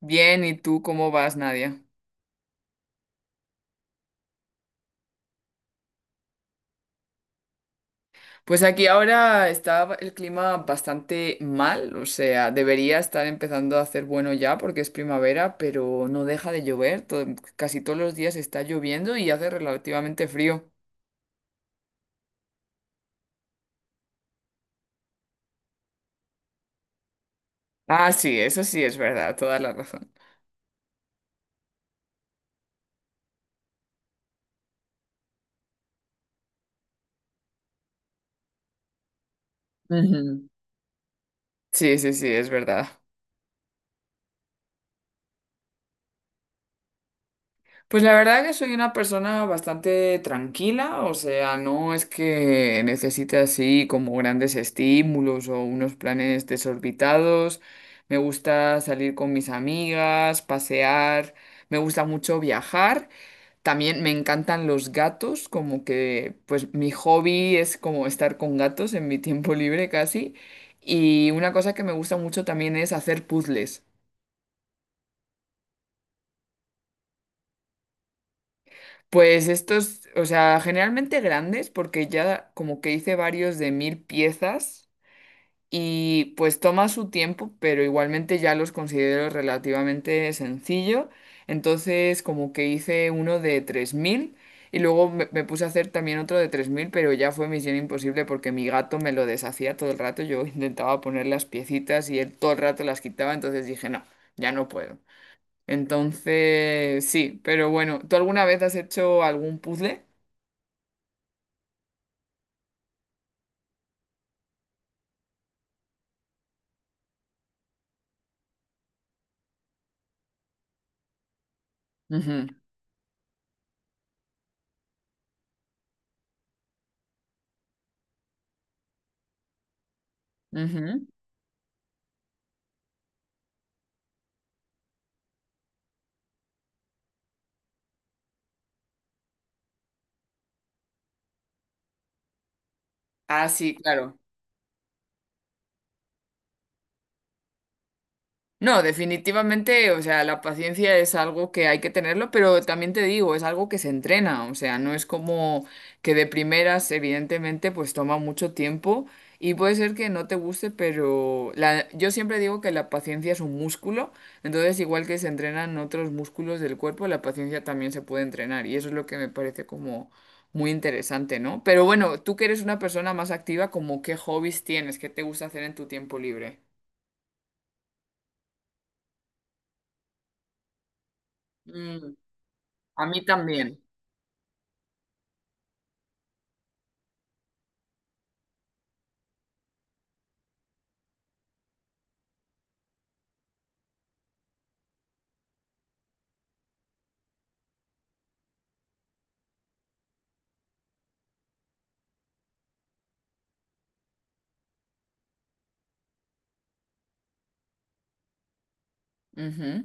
Bien, ¿y tú cómo vas, Nadia? Pues aquí ahora está el clima bastante mal, o sea, debería estar empezando a hacer bueno ya porque es primavera, pero no deja de llover, casi todos los días está lloviendo y hace relativamente frío. Ah, sí, eso sí es verdad, toda la razón. Ujú. Sí, sí, sí, es verdad. Pues la verdad que soy una persona bastante tranquila, o sea, no es que necesite así como grandes estímulos o unos planes desorbitados. Me gusta salir con mis amigas, pasear, me gusta mucho viajar. También me encantan los gatos, como que pues mi hobby es como estar con gatos en mi tiempo libre casi. Y una cosa que me gusta mucho también es hacer puzzles. Pues estos, o sea, generalmente grandes, porque ya como que hice varios de 1.000 piezas y pues toma su tiempo, pero igualmente ya los considero relativamente sencillo. Entonces como que hice uno de 3.000 y luego me puse a hacer también otro de 3.000, pero ya fue misión imposible porque mi gato me lo deshacía todo el rato. Yo intentaba poner las piecitas y él todo el rato las quitaba, entonces dije, no, ya no puedo. Entonces, sí, pero bueno, ¿tú alguna vez has hecho algún puzzle? Ujú, ujú. Ah, sí, claro. No, definitivamente, o sea, la paciencia es algo que hay que tenerlo, pero también te digo, es algo que se entrena, o sea, no es como que de primeras, evidentemente, pues toma mucho tiempo y puede ser que no te guste, pero la, yo siempre digo que la paciencia es un músculo, entonces igual que se entrenan otros músculos del cuerpo, la paciencia también se puede entrenar y eso es lo que me parece como muy interesante, ¿no? Pero bueno, tú que eres una persona más activa, ¿como qué hobbies tienes, qué te gusta hacer en tu tiempo libre? Mm, a mí también. Ujú.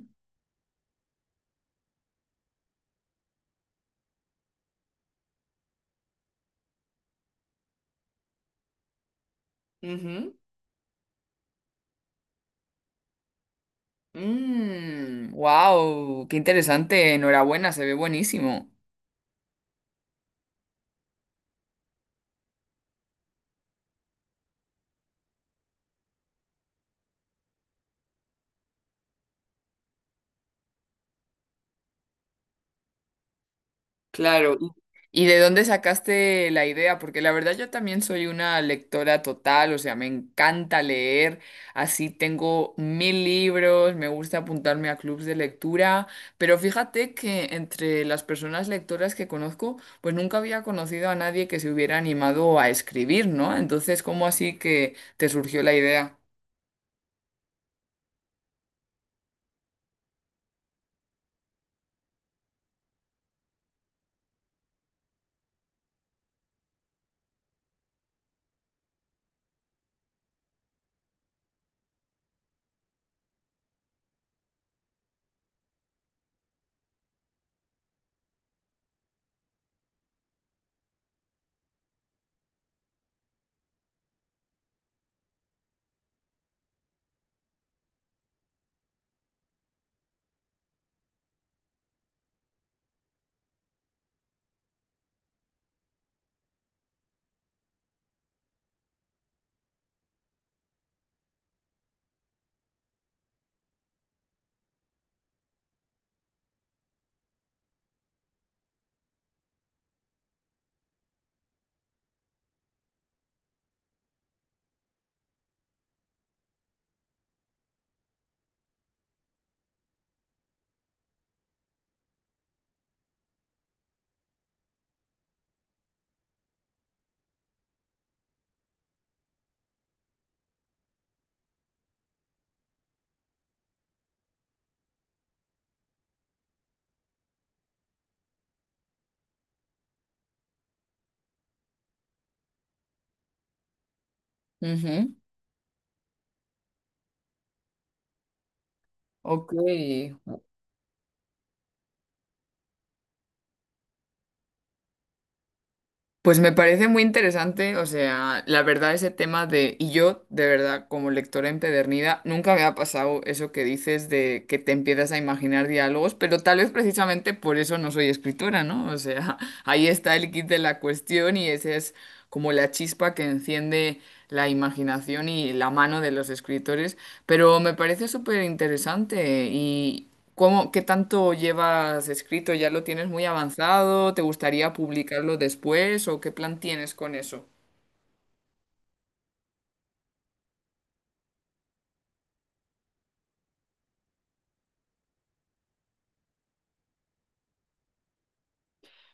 Ujú. Wow, qué interesante. Enhorabuena, se ve buenísimo. Claro. ¿Y de dónde sacaste la idea? Porque la verdad yo también soy una lectora total, o sea, me encanta leer, así tengo 1.000 libros, me gusta apuntarme a clubs de lectura, pero fíjate que entre las personas lectoras que conozco, pues nunca había conocido a nadie que se hubiera animado a escribir, ¿no? Entonces, ¿cómo así que te surgió la idea? Ok, pues me parece muy interesante, o sea, la verdad ese tema de, y yo de verdad como lectora empedernida, nunca me ha pasado eso que dices de que te empiezas a imaginar diálogos, pero tal vez precisamente por eso no soy escritora, ¿no? O sea, ahí está el kit de la cuestión y esa es como la chispa que enciende la imaginación y la mano de los escritores, pero me parece súper interesante. ¿Cómo, qué tanto llevas escrito? ¿Ya lo tienes muy avanzado? ¿Te gustaría publicarlo después? ¿O qué plan tienes con eso?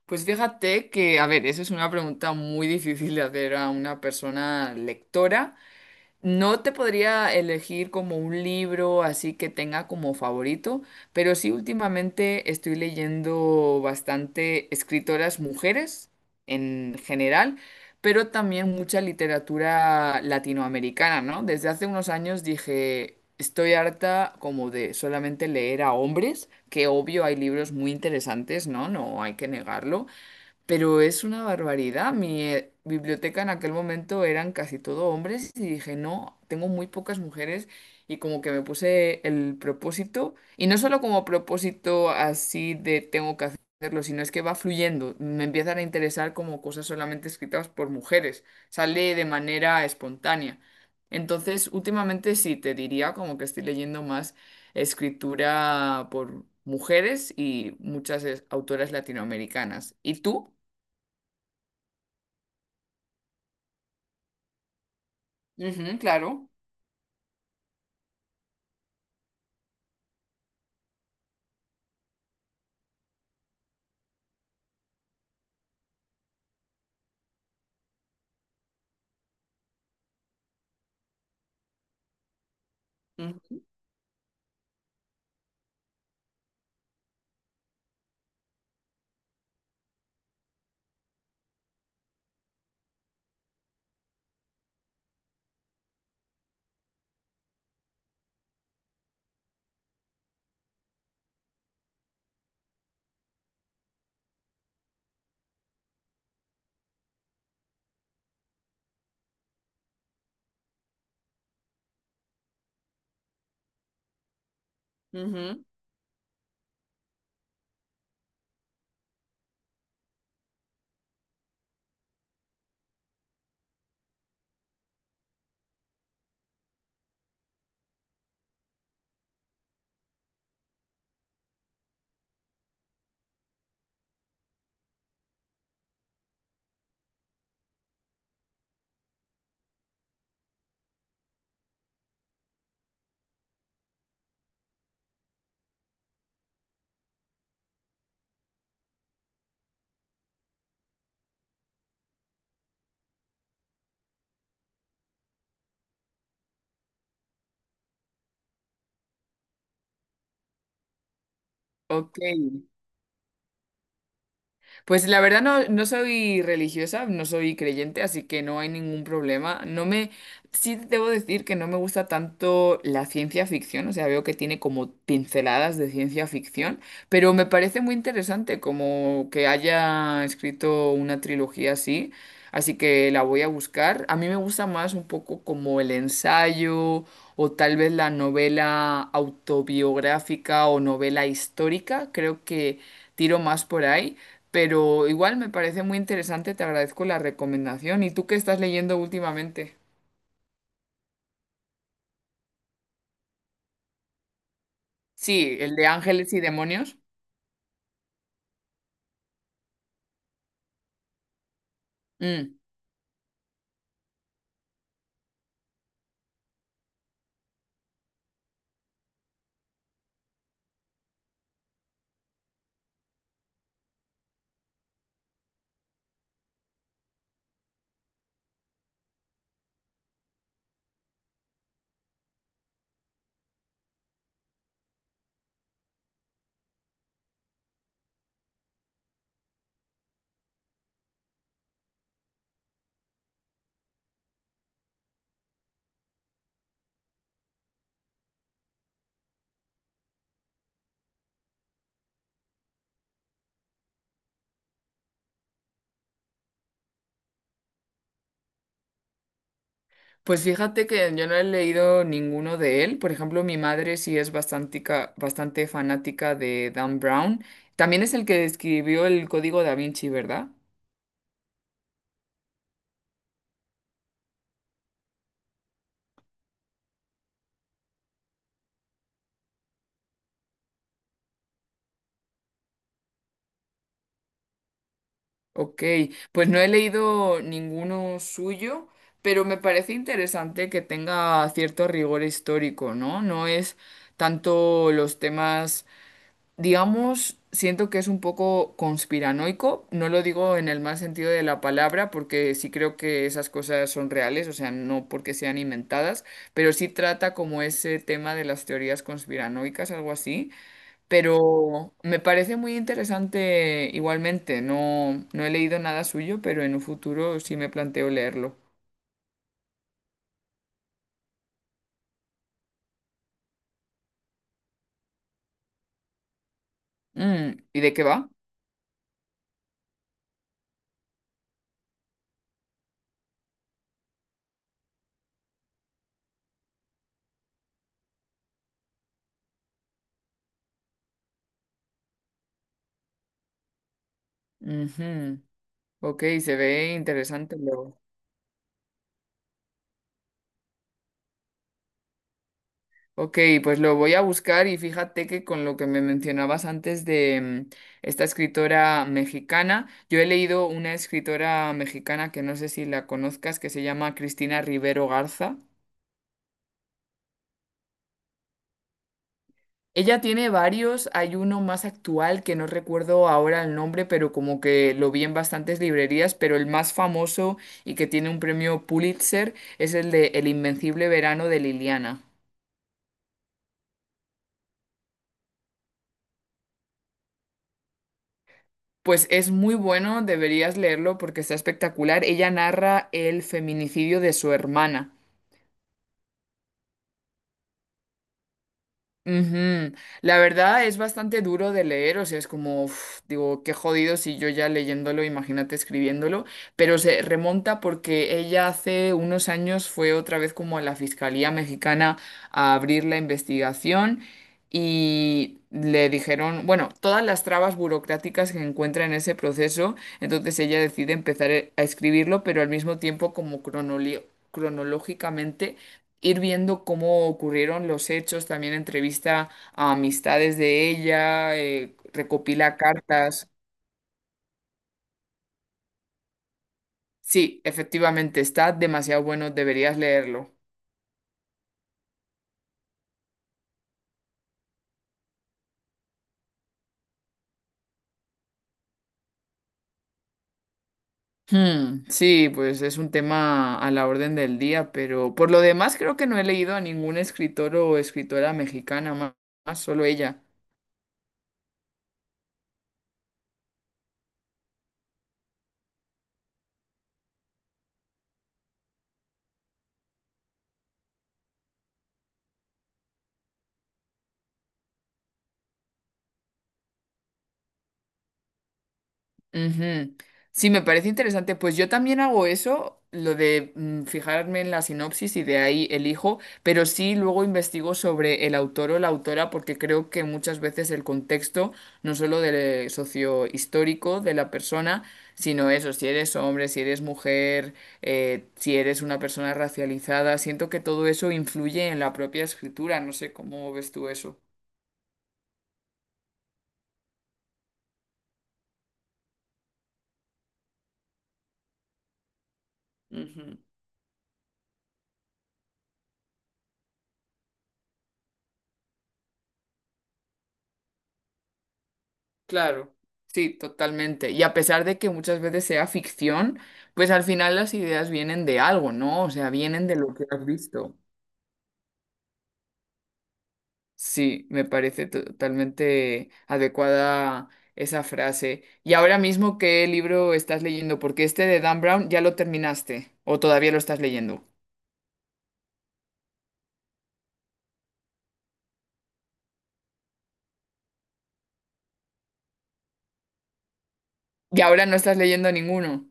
Pues fíjate que, a ver, esa es una pregunta muy difícil de hacer a una persona lectora. No te podría elegir como un libro así que tenga como favorito, pero sí últimamente estoy leyendo bastante escritoras mujeres en general, pero también mucha literatura latinoamericana, ¿no? Desde hace unos años dije, estoy harta como de solamente leer a hombres, que obvio hay libros muy interesantes, ¿no? No hay que negarlo, pero es una barbaridad. Mi biblioteca en aquel momento eran casi todo hombres y dije, no, tengo muy pocas mujeres y como que me puse el propósito y no solo como propósito así de tengo que hacerlo, sino es que va fluyendo. Me empiezan a interesar como cosas solamente escritas por mujeres. Sale de manera espontánea. Entonces, últimamente sí, te diría como que estoy leyendo más escritura por mujeres y muchas autoras latinoamericanas. ¿Y tú? Ujú, claro. Ujú, ujú. Ok. Pues la verdad no, no soy religiosa, no soy creyente, así que no hay ningún problema. No me, sí debo decir que no me gusta tanto la ciencia ficción, o sea, veo que tiene como pinceladas de ciencia ficción, pero me parece muy interesante como que haya escrito una trilogía así, así que la voy a buscar. A mí me gusta más un poco como el ensayo o tal vez la novela autobiográfica o novela histórica, creo que tiro más por ahí. Pero igual me parece muy interesante, te agradezco la recomendación. ¿Y tú qué estás leyendo últimamente? Sí, el de Ángeles y Demonios. Mm. Pues fíjate que yo no he leído ninguno de él. Por ejemplo, mi madre sí es bastante, bastante fanática de Dan Brown. También es el que escribió el Código Da Vinci, ¿verdad? Ok, pues no he leído ninguno suyo, pero me parece interesante que tenga cierto rigor histórico, ¿no? No es tanto los temas digamos, siento que es un poco conspiranoico. No lo digo en el mal sentido de la palabra, porque sí creo que esas cosas son reales, o sea, no porque sean inventadas, pero sí trata como ese tema de las teorías conspiranoicas, algo así. Pero me parece muy interesante igualmente. No, no he leído nada suyo, pero en un futuro sí me planteo leerlo. Mm, ¿y de qué va? Ujú. Ok, se ve interesante luego. Ok, pues lo voy a buscar y fíjate que con lo que me mencionabas antes de mm, esta escritora mexicana, yo he leído una escritora mexicana que no sé si la conozcas, que se llama Cristina Rivero Garza. Ella tiene varios, hay uno más actual que no recuerdo ahora el nombre, pero como que lo vi en bastantes librerías, pero el más famoso y que tiene un premio Pulitzer es el de El Invencible Verano de Liliana. Pues es muy bueno, deberías leerlo porque está espectacular. Ella narra el feminicidio de su hermana. Ujú. La verdad es bastante duro de leer, o sea, es como, uf, digo, qué jodido si yo ya leyéndolo, imagínate escribiéndolo, pero se remonta porque ella hace unos años fue otra vez como a la Fiscalía Mexicana a abrir la investigación y le dijeron, bueno, todas las trabas burocráticas que encuentra en ese proceso, entonces ella decide empezar a escribirlo, pero al mismo tiempo como cronológicamente ir viendo cómo ocurrieron los hechos, también entrevista a amistades de ella, recopila cartas. Sí, efectivamente, está demasiado bueno, deberías leerlo. Hmm, sí, pues es un tema a la orden del día, pero por lo demás creo que no he leído a ningún escritor o escritora mexicana más, solo ella. Ujú. Sí, me parece interesante. Pues yo también hago eso, lo de fijarme en la sinopsis y de ahí elijo, pero sí luego investigo sobre el autor o la autora porque creo que muchas veces el contexto, no solo del sociohistórico de la persona, sino eso, si eres hombre, si eres mujer, si eres una persona racializada, siento que todo eso influye en la propia escritura. No sé cómo ves tú eso. Ujú. Claro, sí, totalmente. Y a pesar de que muchas veces sea ficción, pues al final las ideas vienen de algo, ¿no? O sea, vienen de lo que has visto. Sí, me parece totalmente adecuada esa frase. Y ahora mismo, ¿qué libro estás leyendo? Porque este de Dan Brown ya lo terminaste o todavía lo estás leyendo. Y ahora no estás leyendo ninguno.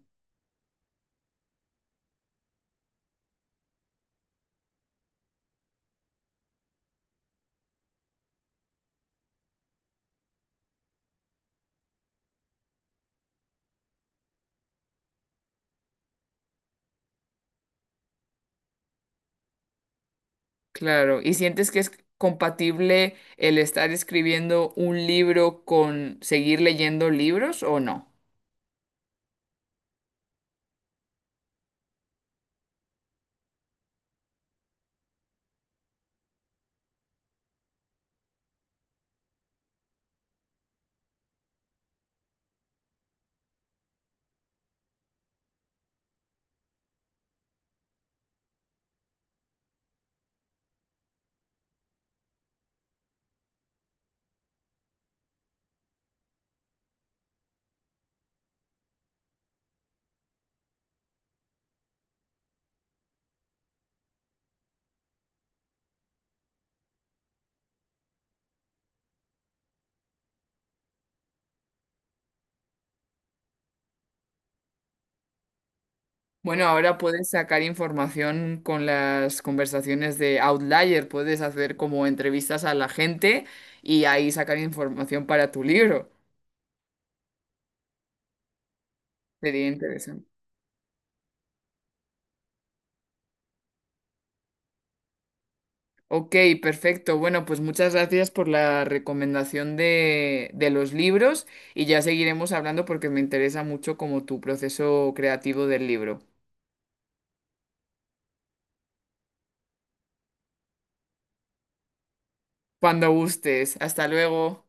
Claro, ¿y sientes que es compatible el estar escribiendo un libro con seguir leyendo libros o no? Bueno, ahora puedes sacar información con las conversaciones de Outlier, puedes hacer como entrevistas a la gente y ahí sacar información para tu libro. Sería interesante. Ok, perfecto. Bueno, pues muchas gracias por la recomendación de, los libros y ya seguiremos hablando porque me interesa mucho como tu proceso creativo del libro. Cuando gustes. Hasta luego.